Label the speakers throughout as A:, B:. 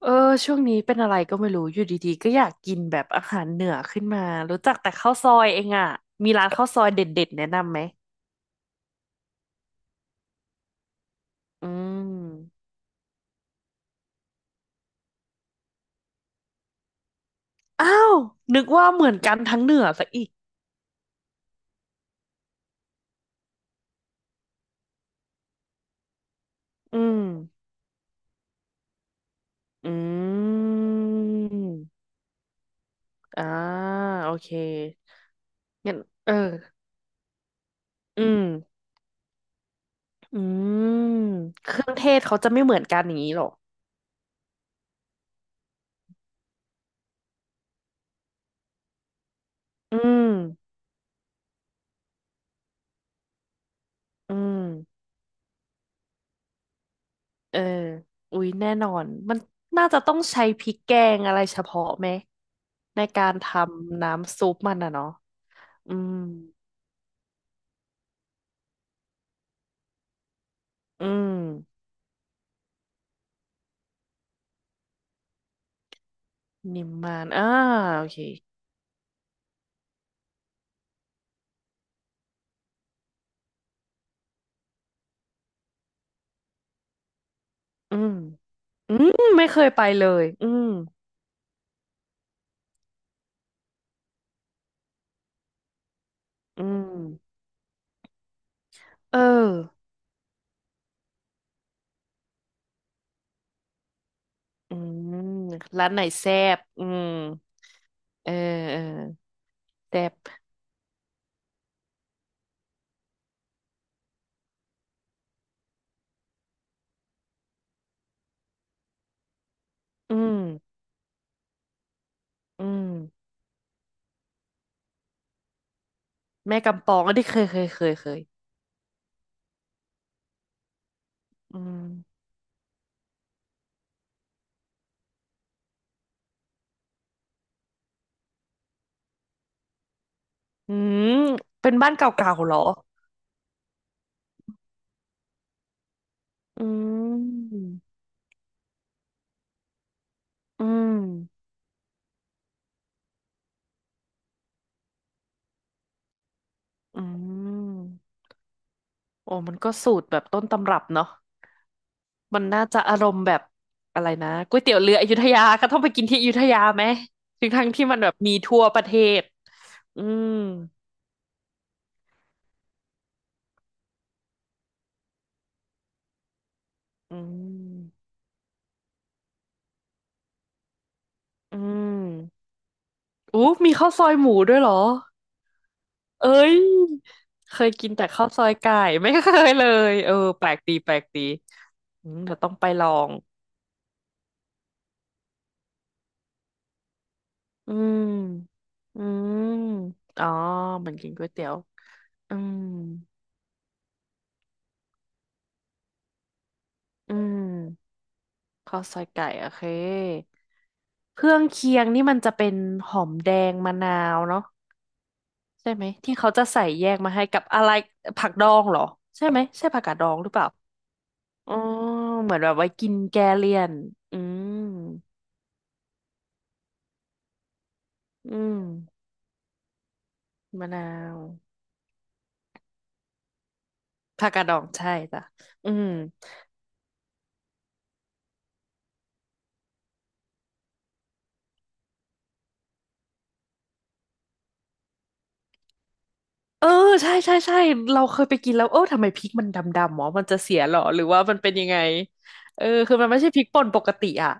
A: เออช่วงนี้เป็นอะไรก็ไม่รู้อยู่ดีๆก็อยากกินแบบอาหารเหนือขึ้นมารู้จักแต่ข้าวซอยเองอ่ะมีร้านข้าวซอยเด็ดๆแนะนำไหมอืมอ้าวนึกว่าเหมือนกันทั้งเหนือซะอีกอืมอืมอ่าโอเคงั้นเอออืมอืมเครื่องเทศเขาจะไม่เหมือนกันอย่างนี้หรออืมอืมเอออุ๊ยแน่นอนมันน่าจะต้องใช้พริกแกงอะไรเฉพาะไหม ในการทำน้ำซุปมันอะเนาะอืมอืมนิมมานอ่าโอเคอืมอืมไม่เคยไปเลยอืมอืมเอออืมร้านไหนแซ่บอืมเออเออแซ่บอืมอืมแม่กำปองอันนี้เคยอืมอืมเป็นบ้านเก่าๆเหรออืมอืมอืมโอ้มันก็สูตรแบบต้นตำรับเนาะ มันน่าจะอารมณ์แบบอะไรนะก๋วยเตี๋ยวเรืออยุธยาก็ต้องไปกินที่อยุธยาไหมถึงทั้งที่มันแบบมีทั่วประเทศอืมอืมอืมอู้มีข้าวซอยหมูด้วยเหรอเอ้ยเคยกินแต่ข้าวซอยไก่ไม่เคยเลยเออแปลกดีแปลกดีอืมเดี๋ยวต้องไปลองอืมอืมอ๋อเหมันกินก๋วยเตี๋ยวอืมอืมข้าวซอยไก่โอเค เครื่องเคียงนี่มันจะเป็นหอมแดงมะนาวเนาะใช่ไหมที่เขาจะใส่แยกมาให้กับอะไรผักดองเหรอใช่ไหมใช่ผักกาดดองหรือเปล่าอ๋อเหมือนแบบไว้กินแกเลี่ยนอืมอืมมะนาวผักกาดดองใช่จ้ะอืมเออใช่ใช่ใช่เราเคยไปกินแล้วเออทำไมพริกมันดำดำหมอมันจะเสียเหรอหรือว่ามันเป็นยังไงเออคือมันไม่ใช่พริกป่นปกติอ่ะ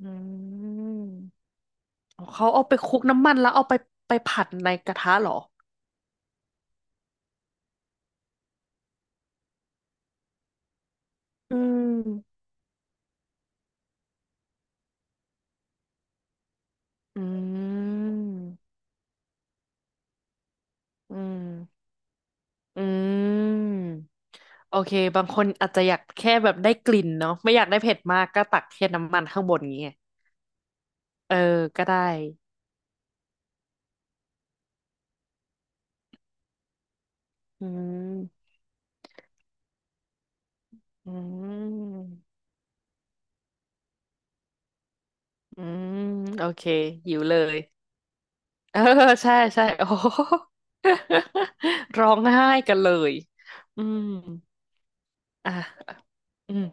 A: อืมเขาเอาไปคลุกน้ำมันแล้วเอาไปไปผัดในกระทะเหรอ อืม อืมอืมอืม โอเคบางคนอาจจะอยากแค่แบบได้กลิ่นเนาะไม่อยากได้เผ็ดมากก็ตักแค่น้ำมันข้างบนอย่างเงี้ยเออก็ได้อืมอืมอืมโอเคหิวเลยเออใช่ใช่ โอ้โหร้องไห้กันเลยอืมอ่ะอืม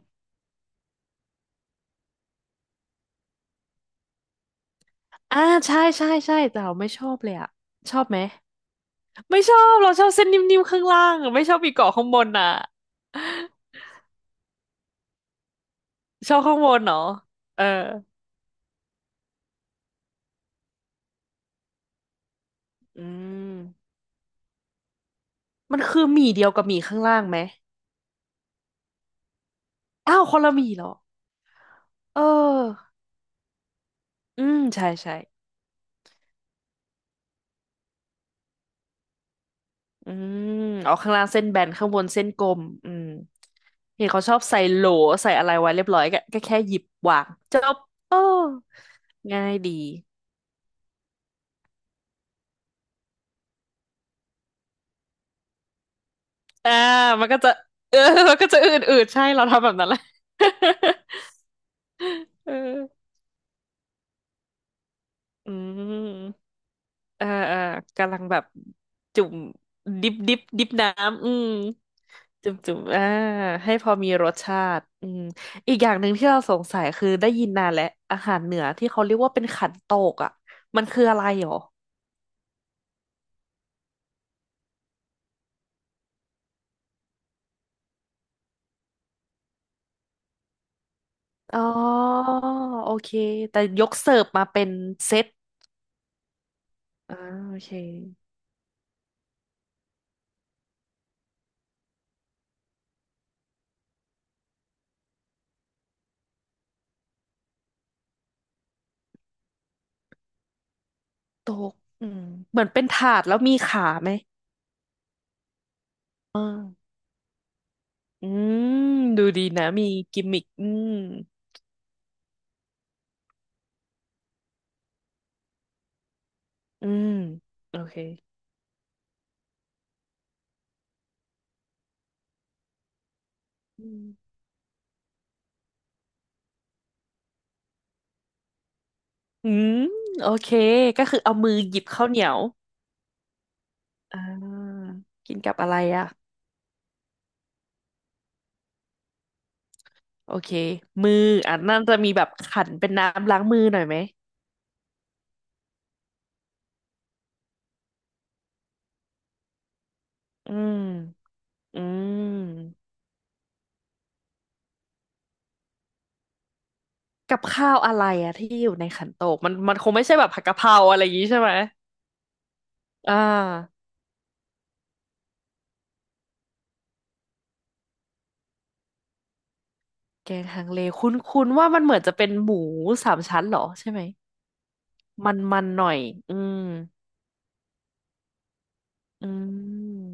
A: อ่าใช่ใช่ใช่แต่เราไม่ชอบเลยอะ ชอบไหม ไม่ชอบเราชอบเส้นนิ่มๆข้างล่างอะไม่ชอบมีเกาะข้างบนอ่ะชอบข้างบนเนาะเอออืมมันคือหมี่เดียวกับหมี่ข้างล่างไหมอ้าวคนละหมี่เหรอเอออืมใช่ใช่อืมเอาข้างล่างเส้นแบนข้างบนเส้นกลมอืมเห็นเขาชอบใส่โหลใส่อะไรไว้เรียบร้อยก็ก็แค่หยิบวางจบเออง่ายดีอ่ามันก็จะเออ มันก็จะอืดๆใช่เราทำแบบนั้นแหละ เออ อืม อ่าอ่ากำลังแบบจุ่มดิบน้ำอืม จุ่มจุ่มอ่าให้พอมีรสชาติอืมอีกอย่างหนึ่งที่เราสงสัยคือได้ยินนานแล้วอาหารเหนือที่เขาเรียกว่าเป็นขันโตกอ่ะ มันคืออะไรหรอ อ๋อโอเค แต่ยกเสิร์ฟมาเป็นเซตอ่าโอเค โตกอืมเหมือนเป็นถาดแล้วมีขาไหมอ่าอืมดูดีนะมีกิมมิคอืมอืมโอเค อืมอืมโอเคก็คือเอามือหยิบข้าวเหนียวอ่ากินกับอะไรอ่ะโอเคมืออ่ะนั่นจะมีแบบขันเป็นน้ำล้างมือหน่อยไหมอืมอืมกับข้าวอะไรอ่ะที่อยู่ในขันโตกมันมันคงไม่ใช่แบบผัดกะเพราอะไรอย่างงี้ใช่ไหมอ่าแกงฮังเลคุ้นคุ้นว่ามันเหมือนจะเป็นหมูสามชั้นเหรอใช่ไหมมันมันหน่อยอืมอืม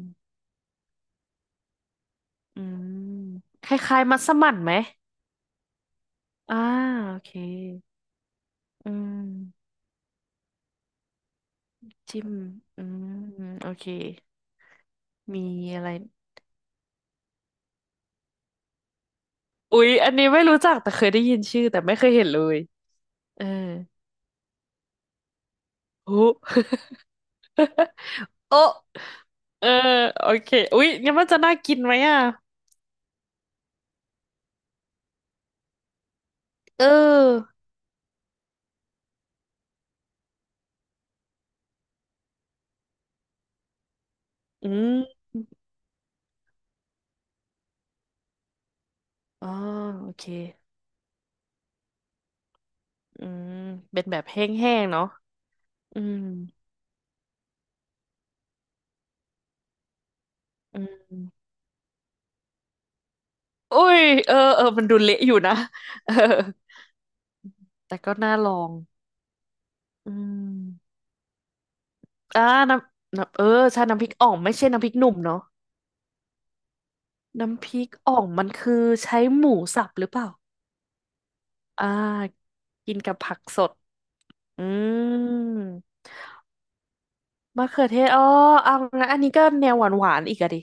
A: อืมคล้ายๆมัสมั่นไหมอ่าโอเค อืมจิ้มอืมโอเคมีอะไรอุ๊ยอันนี้ไม่รู้จักแต่เคยได้ยินชื่อแต่ไม่เคยเห็นเลยเออโอ้ โอะเออโอเคอุ๊ยงั้นมันจะน่ากินไหมอ่ะเอออืมอ๋อโอเคอืมเป็นแบบแห้งๆเนาะอืมอืมอุ้ยเออเออมันดูเละอยู่นะ เออแต่ก็น่าลองอืมอ่าน้ำน้ำเออใช่น้ำพริกอ่องไม่ใช่น้ำพริกหนุ่มเนาะ น้ำพริกอ่องมันคือใช้หมูสับหรือเปล่าอ่า กินกับผักสดอืมมะเขือเทศอ๋อเอางั้นอันนี้ก็แนวหวานหวานอีกอะดิ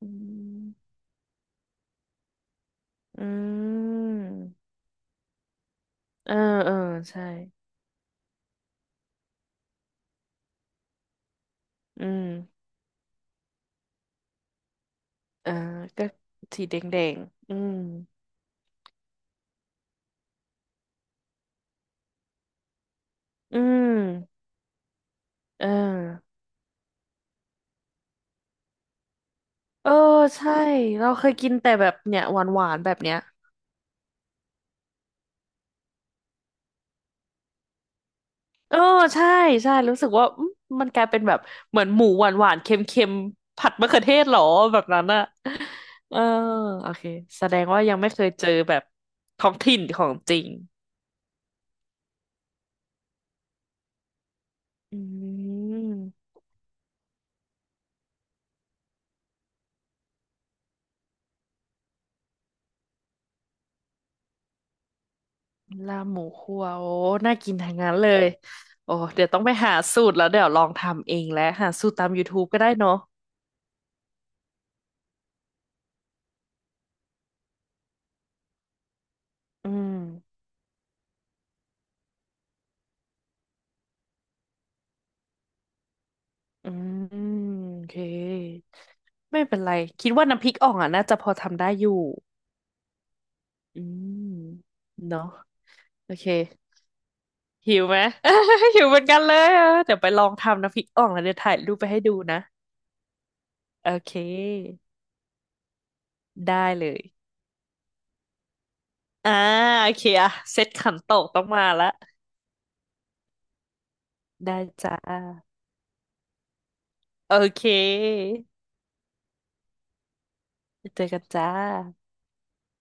A: อืมอืมเออเออใช่อืมเออก็สีแดงแดงอืมอืมเออเออใช่เราเคยกินแต่แบบเนี่ยหวานหวานแบบเนี้ย เออใช่ใช่รู้สึกว่าอืมมันกลายเป็นแบบเหมือนหมูหวานหวานเค็มเค็มๆผัดมะเขือเทศเหรอแบบนั้นอะเออโอเคแสดงว่ายังไม่เคยเจอแบบท้องถิ่นของจริงอืมลาบหมูคั่วโอ้น่ากินทั้งนั้นเลยโอ้เดี๋ยวต้องไปหาสูตรแล้วเดี๋ยวลองทำเองแล้วหาสูตรตาม YouTube ก็ได้เนาะอืมอืมโอเคไม่เป็นไรคิดว่าน้ำพริกอ่องอ่ะน่าจะพอทำได้อยู่อืมเนาะ โอเคหิวไหม หิวเหมือนกันเลยอะเดี๋ยวไปลองทำน้ำพริกอ่องแล้วเดี๋ยวถ่ายรูปไปให้ดูนะโอเคได้เลยอ่าโอเคอะเซตขันโตกต้องมาละได้จ้าโอเคเจอกันจ้า